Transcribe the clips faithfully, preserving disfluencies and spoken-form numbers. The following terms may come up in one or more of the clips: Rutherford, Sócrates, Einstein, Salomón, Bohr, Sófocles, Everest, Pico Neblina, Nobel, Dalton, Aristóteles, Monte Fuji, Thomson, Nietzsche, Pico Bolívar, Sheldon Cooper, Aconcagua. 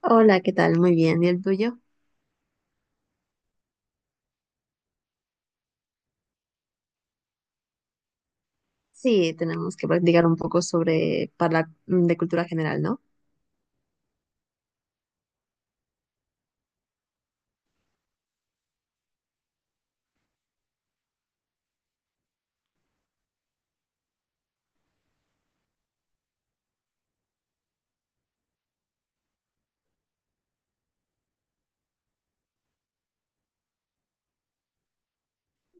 Hola, ¿qué tal? Muy bien. ¿Y el tuyo? Sí, tenemos que practicar un poco sobre para de cultura general, ¿no?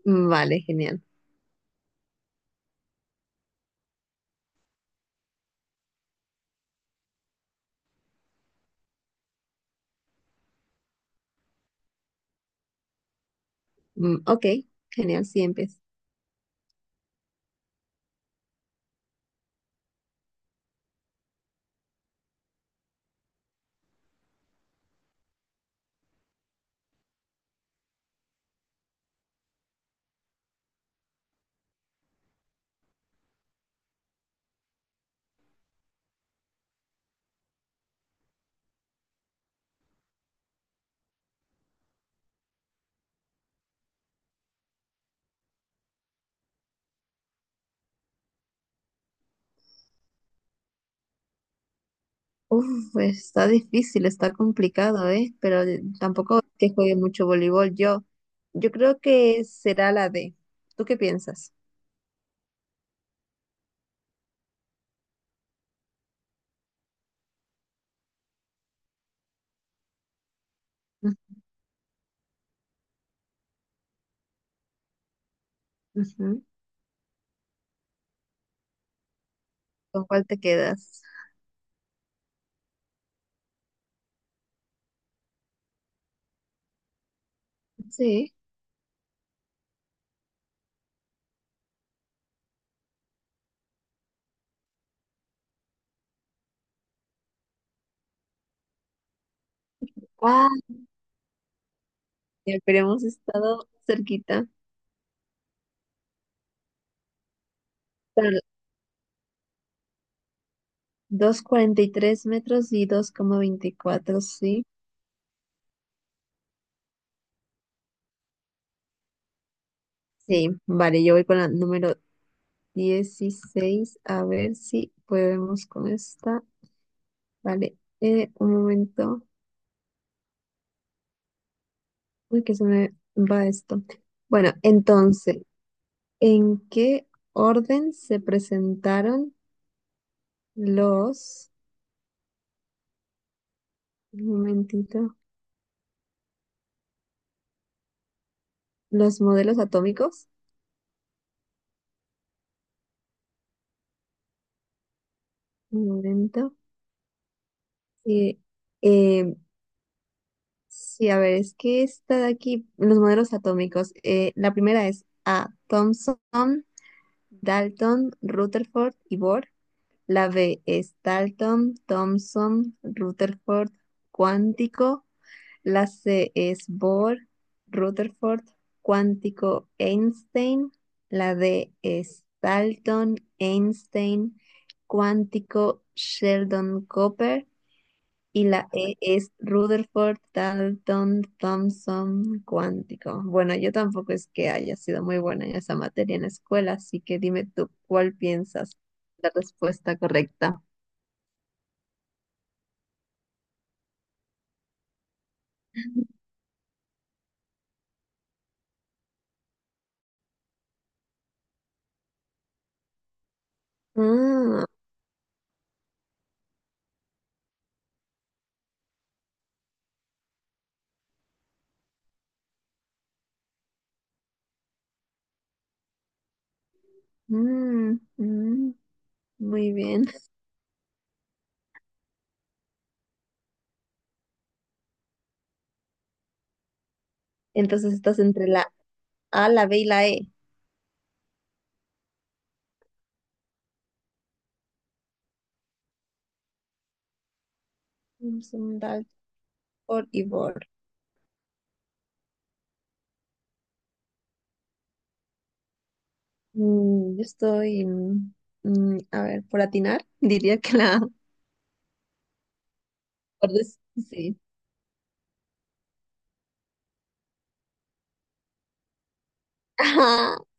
Mm, Vale, genial. Mm, Ok, genial, sí, empieza. Uf, pues, está difícil, está complicado, ¿eh? Pero de- tampoco es que juegue mucho voleibol. Yo, yo creo que será la D. ¿Tú qué piensas? Mm, ujú. ¿Con cuál te quedas? Sí. Ah, ya, pero hemos estado cerquita. Pero dos coma cuarenta y tres metros y dos coma veinticuatro, sí. Sí, vale, yo voy con la número dieciséis a ver si podemos con esta. Vale, eh, un momento. Uy, que se me va esto. Bueno, entonces, ¿en qué orden se presentaron los, un momentito, los modelos atómicos? Un momento. Sí, eh, sí, a ver, es que esta de aquí, los modelos atómicos, eh, la primera es A. Thomson, Dalton, Rutherford y Bohr. La B es Dalton, Thomson, Rutherford, cuántico. La C es Bohr, Rutherford, cuántico, Einstein. La D es Dalton, Einstein, cuántico, Sheldon Cooper. Y la E es Rutherford Dalton Thompson cuántico. Bueno, yo tampoco es que haya sido muy buena en esa materia en la escuela, así que dime tú cuál piensas la respuesta correcta. Ah, mm, mm, muy bien. Entonces estás entre la A, la B y la E. Thompson, Dalton y Bohr. Mm, yo estoy, mm, mm, a ver, por atinar, diría que la A, por des- sí.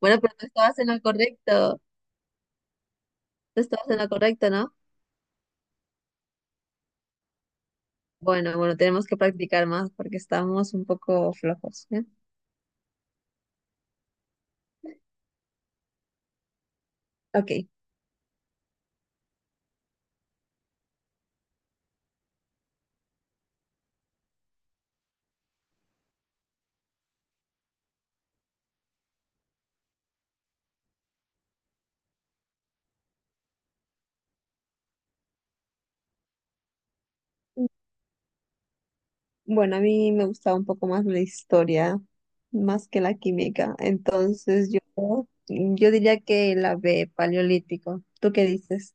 Bueno, pero tú estabas en lo correcto. Tú estabas en lo correcto, ¿no? Bueno, bueno, tenemos que practicar más porque estamos un poco flojos, ¿eh? Ok. Bueno, a mí me gustaba un poco más la historia, más que la química. Entonces yo, yo diría que la B, paleolítico. ¿Tú qué dices?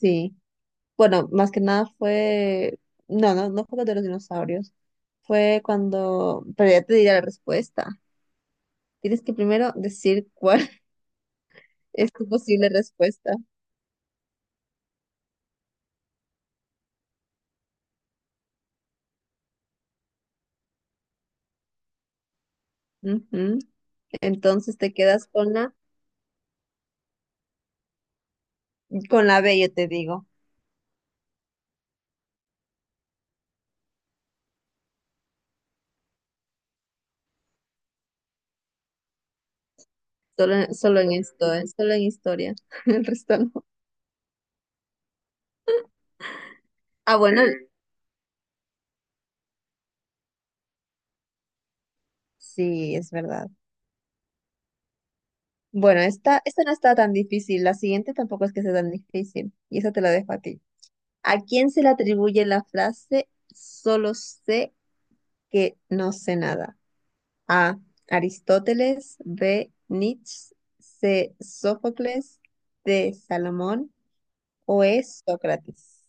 Sí. Bueno, más que nada fue... No, no, no fue lo de los dinosaurios. Fue cuando... Pero ya te diré la respuesta. Tienes que primero decir cuál es tu posible respuesta. Ujú. Entonces te quedas con la, con la B, yo te digo. Solo, en- solo en historia, solo en historia. El resto no. Ah, bueno, sí, es verdad. Bueno, esta, esta no está tan difícil. La siguiente tampoco es que sea tan difícil. Y esa te la dejo a ti. ¿A quién se le atribuye la frase solo sé que no sé nada? A. Aristóteles. B. Nietzsche. C. Sófocles. D. Salomón. O E. Sócrates.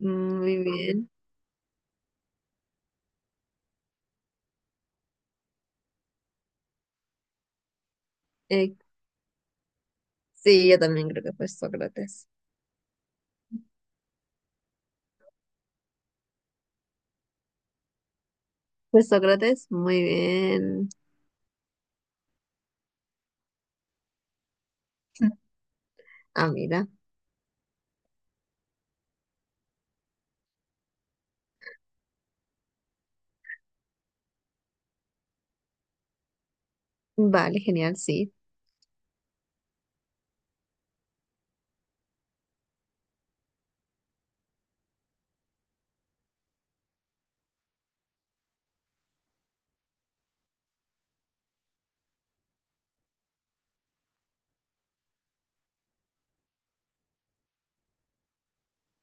Muy bien. Eh, sí, yo también creo que fue Sócrates. Fue Sócrates, muy bien. Ah, mira. Vale, genial, sí.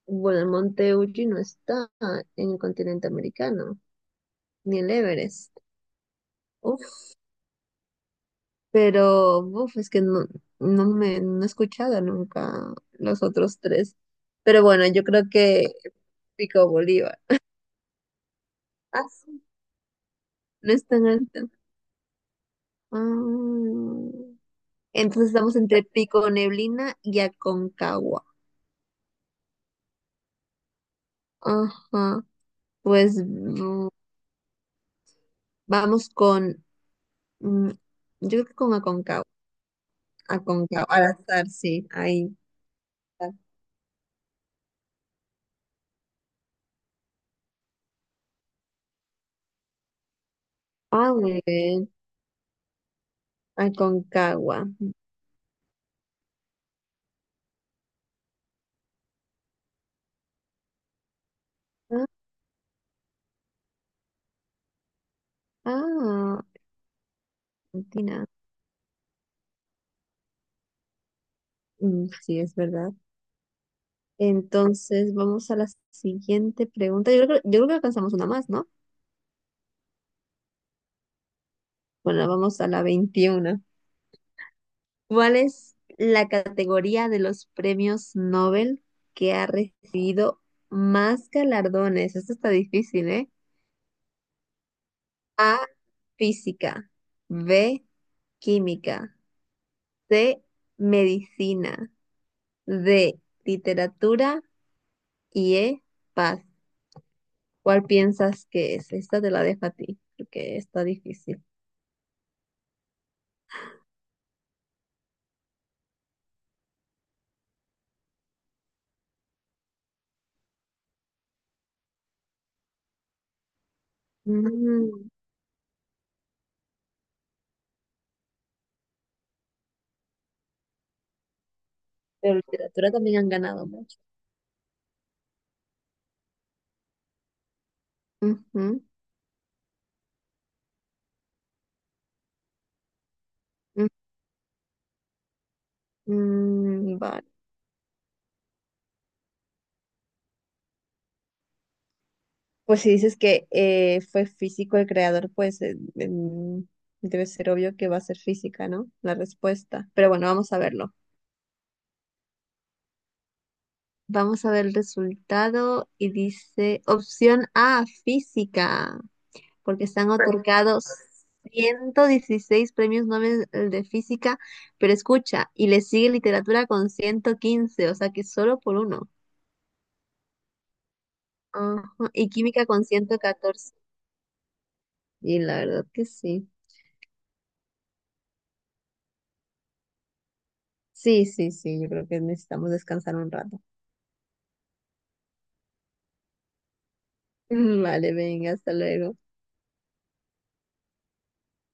Bueno, el Monte Fuji no está en el continente americano, ni el Everest. Uf, pero uf, es que no, no me no he escuchado nunca los otros tres. Pero bueno, yo creo que Pico Bolívar. Ah, sí, no es tan alto. Ah, entonces estamos entre Pico Neblina y Aconcagua. Ajá. Pues mm, vamos con, mm, yo creo que con Aconcagua, Aconcagua, al azar, sí, ahí. Está. Ah, muy bien, Aconcagua. Ah, ah, Argentina. Mm, sí, es verdad. Entonces, vamos a la siguiente pregunta. Yo creo, que- yo creo que alcanzamos una más, ¿no? Bueno, vamos a la veintiuno. ¿Cuál es la categoría de los premios Nobel que ha recibido más galardones? Esto está difícil, ¿eh? Física, B, química, C, medicina, D, literatura y E, paz. ¿Cuál piensas que es? Esta te la dejo a ti, porque está difícil. Mm, pero literatura también han ganado mucho. Ujú, ujú, mm, vale. Pues si dices que eh, fue físico el creador, pues eh, mm, debe ser obvio que va a ser física, ¿no? La respuesta. Pero bueno, vamos a verlo. Vamos a ver el resultado y dice opción A, física, porque se han otorgado ciento dieciséis premios Nobel eh, de física, pero escucha, y le sigue literatura con ciento quince, o sea que solo por uno. Ajá, y química con ciento catorce. Y la verdad que sí. Sí, sí, sí, yo creo que necesitamos descansar un rato. Vale, venga, hasta luego.